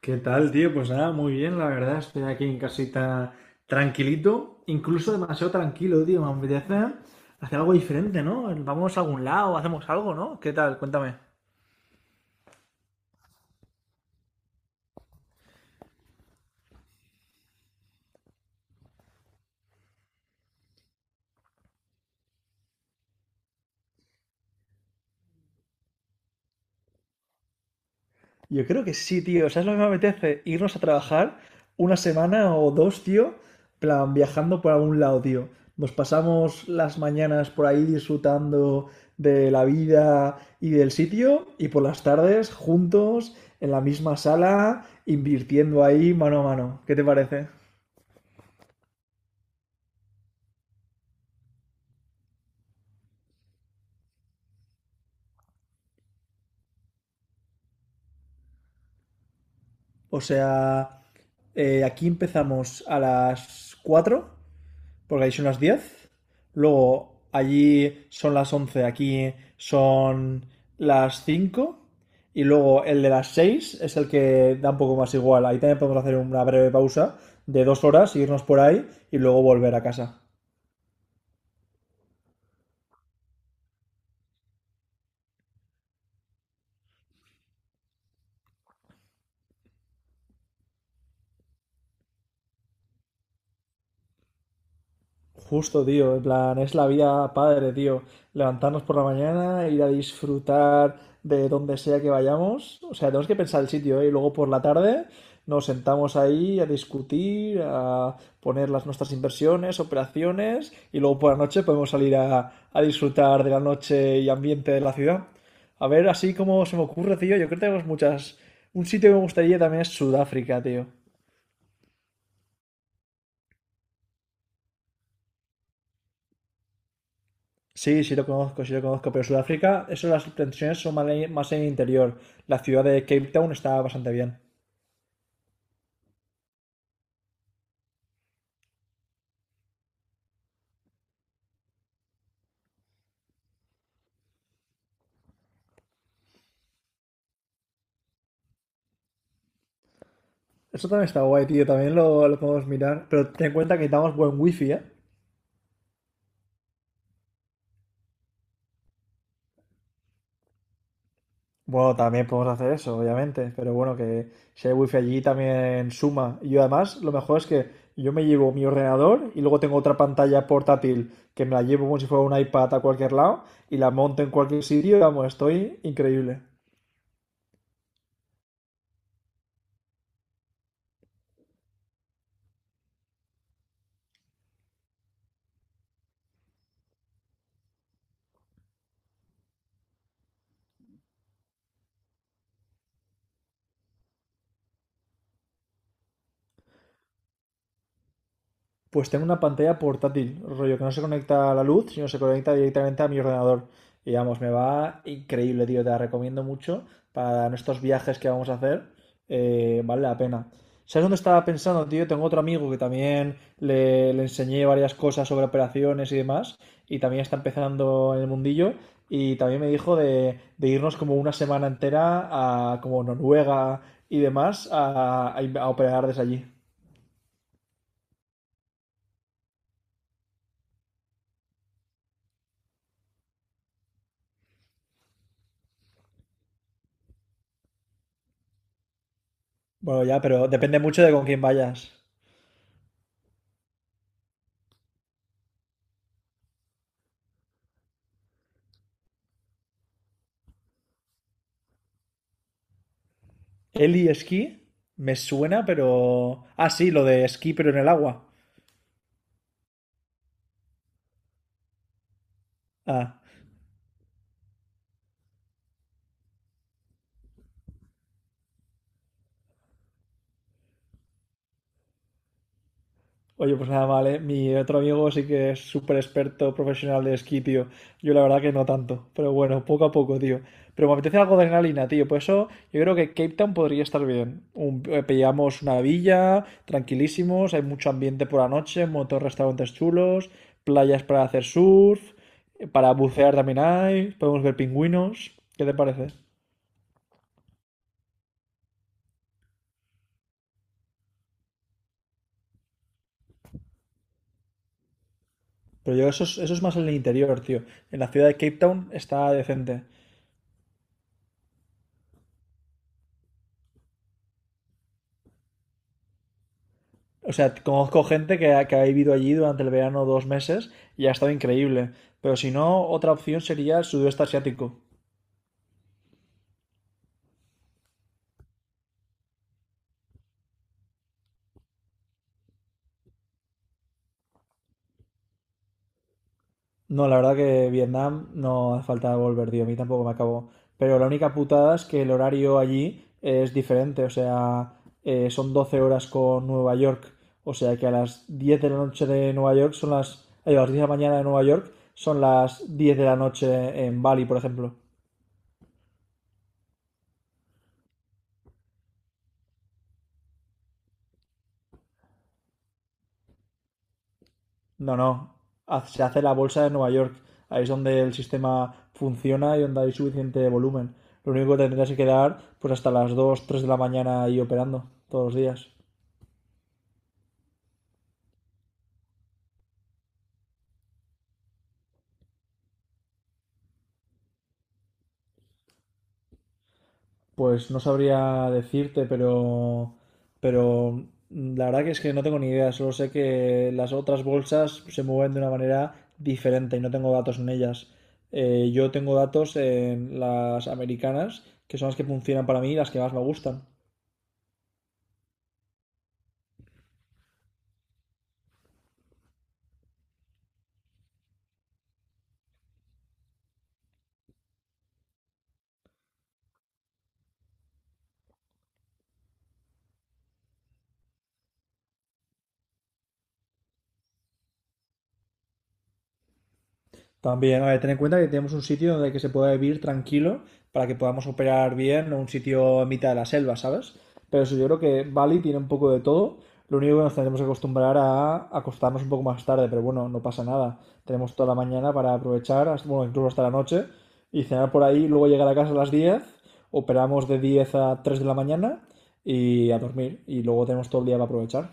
¿Qué tal, tío? Pues nada, muy bien, la verdad. Estoy aquí en casita tranquilito, incluso demasiado tranquilo, tío. Me apetece hacer algo diferente, ¿no? Vamos a algún lado, hacemos algo, ¿no? ¿Qué tal? Cuéntame. Yo creo que sí, tío. ¿Sabes lo que me apetece? Irnos a trabajar una semana o dos, tío. Plan, viajando por algún lado, tío. Nos pasamos las mañanas por ahí disfrutando de la vida y del sitio y por las tardes juntos en la misma sala, invirtiendo ahí mano a mano. ¿Qué te parece? O sea, aquí empezamos a las 4 porque ahí son las 10. Luego allí son las 11, aquí son las 5. Y luego el de las 6 es el que da un poco más igual. Ahí también podemos hacer una breve pausa de 2 horas, irnos por ahí y luego volver a casa. Justo, tío, en plan, es la vida padre, tío. Levantarnos por la mañana, ir a disfrutar de donde sea que vayamos. O sea, tenemos que pensar el sitio, ¿eh? Y luego por la tarde nos sentamos ahí a discutir, a poner las nuestras inversiones, operaciones, y luego por la noche podemos salir a disfrutar de la noche y ambiente de la ciudad. A ver, así como se me ocurre, tío, yo creo que tenemos muchas... Un sitio que me gustaría también es Sudáfrica, tío. Sí, sí lo conozco, pero Sudáfrica, eso las tensiones son más en el interior. La ciudad de Cape Town está bastante bien. Eso también está guay, tío, también lo podemos mirar. Pero ten en cuenta que necesitamos buen wifi, ¿eh? Bueno, también podemos hacer eso, obviamente, pero bueno, que si hay wifi allí también suma. Y yo además, lo mejor es que yo me llevo mi ordenador y luego tengo otra pantalla portátil que me la llevo como si fuera un iPad a cualquier lado y la monto en cualquier sitio, vamos, estoy increíble. Pues tengo una pantalla portátil, rollo que no se conecta a la luz, sino se conecta directamente a mi ordenador. Y vamos, me va increíble, tío. Te la recomiendo mucho para nuestros viajes que vamos a hacer. Vale la pena. ¿Sabes dónde estaba pensando, tío? Tengo otro amigo que también le enseñé varias cosas sobre operaciones y demás. Y también está empezando en el mundillo. Y también me dijo de irnos como una semana entera a como Noruega y demás a, a operar desde allí. Bueno, ya, pero depende mucho de con quién vayas. Eli esquí me suena, pero. Ah, sí, lo de esquí, pero en el agua. Ah, oye, pues nada mal, ¿eh? Mi otro amigo sí que es súper experto profesional de esquí, tío. Yo la verdad que no tanto, pero bueno, poco a poco, tío. Pero me apetece algo de adrenalina, tío. Por eso yo creo que Cape Town podría estar bien. Pillamos una villa, tranquilísimos, hay mucho ambiente por la noche, muchos restaurantes chulos, playas para hacer surf, para bucear también hay, podemos ver pingüinos. ¿Qué te parece? Pero yo eso es más en el interior, tío. En la ciudad de Cape Town está decente. O sea, conozco gente que ha vivido allí durante el verano 2 meses y ha estado increíble. Pero si no, otra opción sería el sudeste asiático. No, la verdad que Vietnam no hace falta volver, tío. A mí tampoco me acabó. Pero la única putada es que el horario allí es diferente. O sea, son 12 horas con Nueva York. O sea que a las 10 de la noche de Nueva York son las... ay, a las 10 de la mañana de Nueva York son las 10 de la noche en Bali, por ejemplo. No, no. Haz- se hace la bolsa de Nueva York. Ahí es donde el sistema funciona y donde hay suficiente volumen. Lo único que tendrías que quedar pues hasta las 2, 3 de la mañana ahí operando todos los días. Pues no sabría decirte, pero la verdad que es que no tengo ni idea. Solo sé que las otras bolsas se mueven de una manera diferente y no tengo datos en ellas. Yo tengo datos en las americanas, que son las que funcionan para mí y las que más me gustan. También, a ver, ten en cuenta que tenemos un sitio donde que se pueda vivir tranquilo para que podamos operar bien, no un sitio en mitad de la selva, ¿sabes? Pero eso yo creo que Bali tiene un poco de todo. Lo único que nos tendremos que acostumbrar a acostarnos un poco más tarde, pero bueno, no pasa nada. Tenemos toda la mañana para aprovechar, bueno, incluso hasta la noche, y cenar por ahí, luego llegar a casa a las 10, operamos de 10 a 3 de la mañana y a dormir, y luego tenemos todo el día para aprovechar.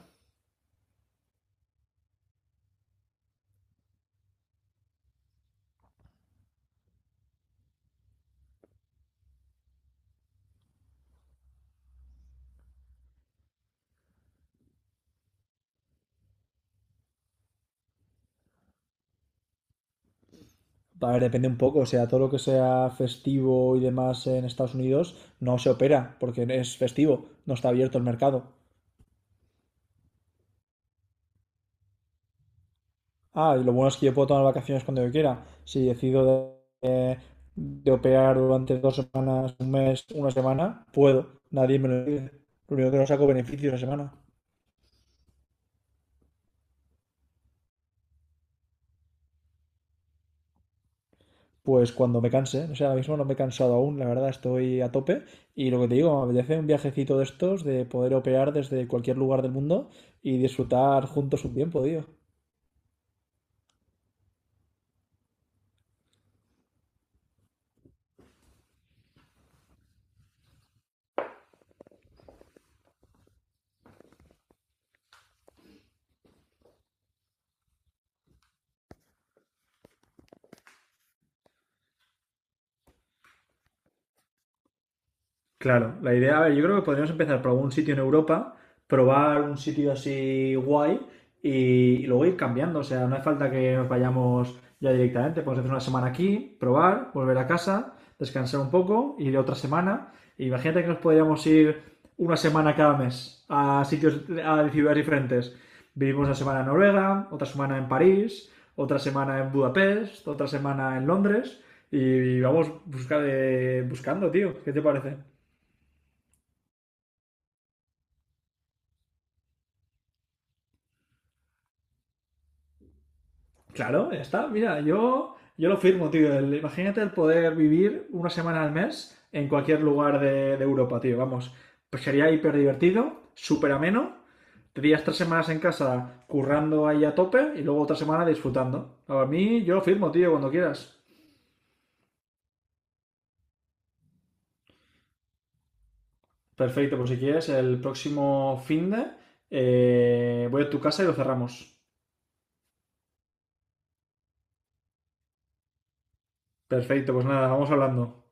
A ver, depende un poco, o sea, todo lo que sea festivo y demás en Estados Unidos no se opera porque es festivo, no está abierto el mercado. Ah, y lo bueno es que yo puedo tomar vacaciones cuando yo quiera. Si decido de, eh, de operar durante 2 semanas, un mes, una semana, puedo. Nadie me lo pide. Lo único que no saco beneficios esa semana. Pues cuando me canse. O sea, ahora mismo no me he cansado aún, la verdad, estoy a tope. Y lo que te digo, me apetece un viajecito de estos, de poder operar desde cualquier lugar del mundo y disfrutar juntos un tiempo, tío. Claro, la idea, a ver, yo creo que podríamos empezar por algún sitio en Europa, probar un sitio así guay y, y luego ir cambiando. O sea, no hace falta que nos vayamos ya directamente. Podemos hacer una semana aquí, probar, volver a casa, descansar un poco, ir otra semana. Imagínate que nos podríamos ir una semana cada mes a sitios, a ciudades diferentes. Vivimos una semana en Noruega, otra semana en París, otra semana en Budapest, otra semana en Londres y vamos buscar, buscando, tío. ¿Qué te parece? Claro, ya está. Mira, yo lo firmo, tío. El- imagínate el poder vivir una semana al mes en cualquier lugar de Europa, tío. Vamos, pues sería hiper divertido, súper ameno. Tendrías 3 semanas en casa currando ahí a tope y luego otra semana disfrutando. A mí, yo lo firmo, tío, cuando quieras. Perfecto, pues si quieres, el próximo finde de voy a tu casa y lo cerramos. Perfecto, pues nada, vamos hablando.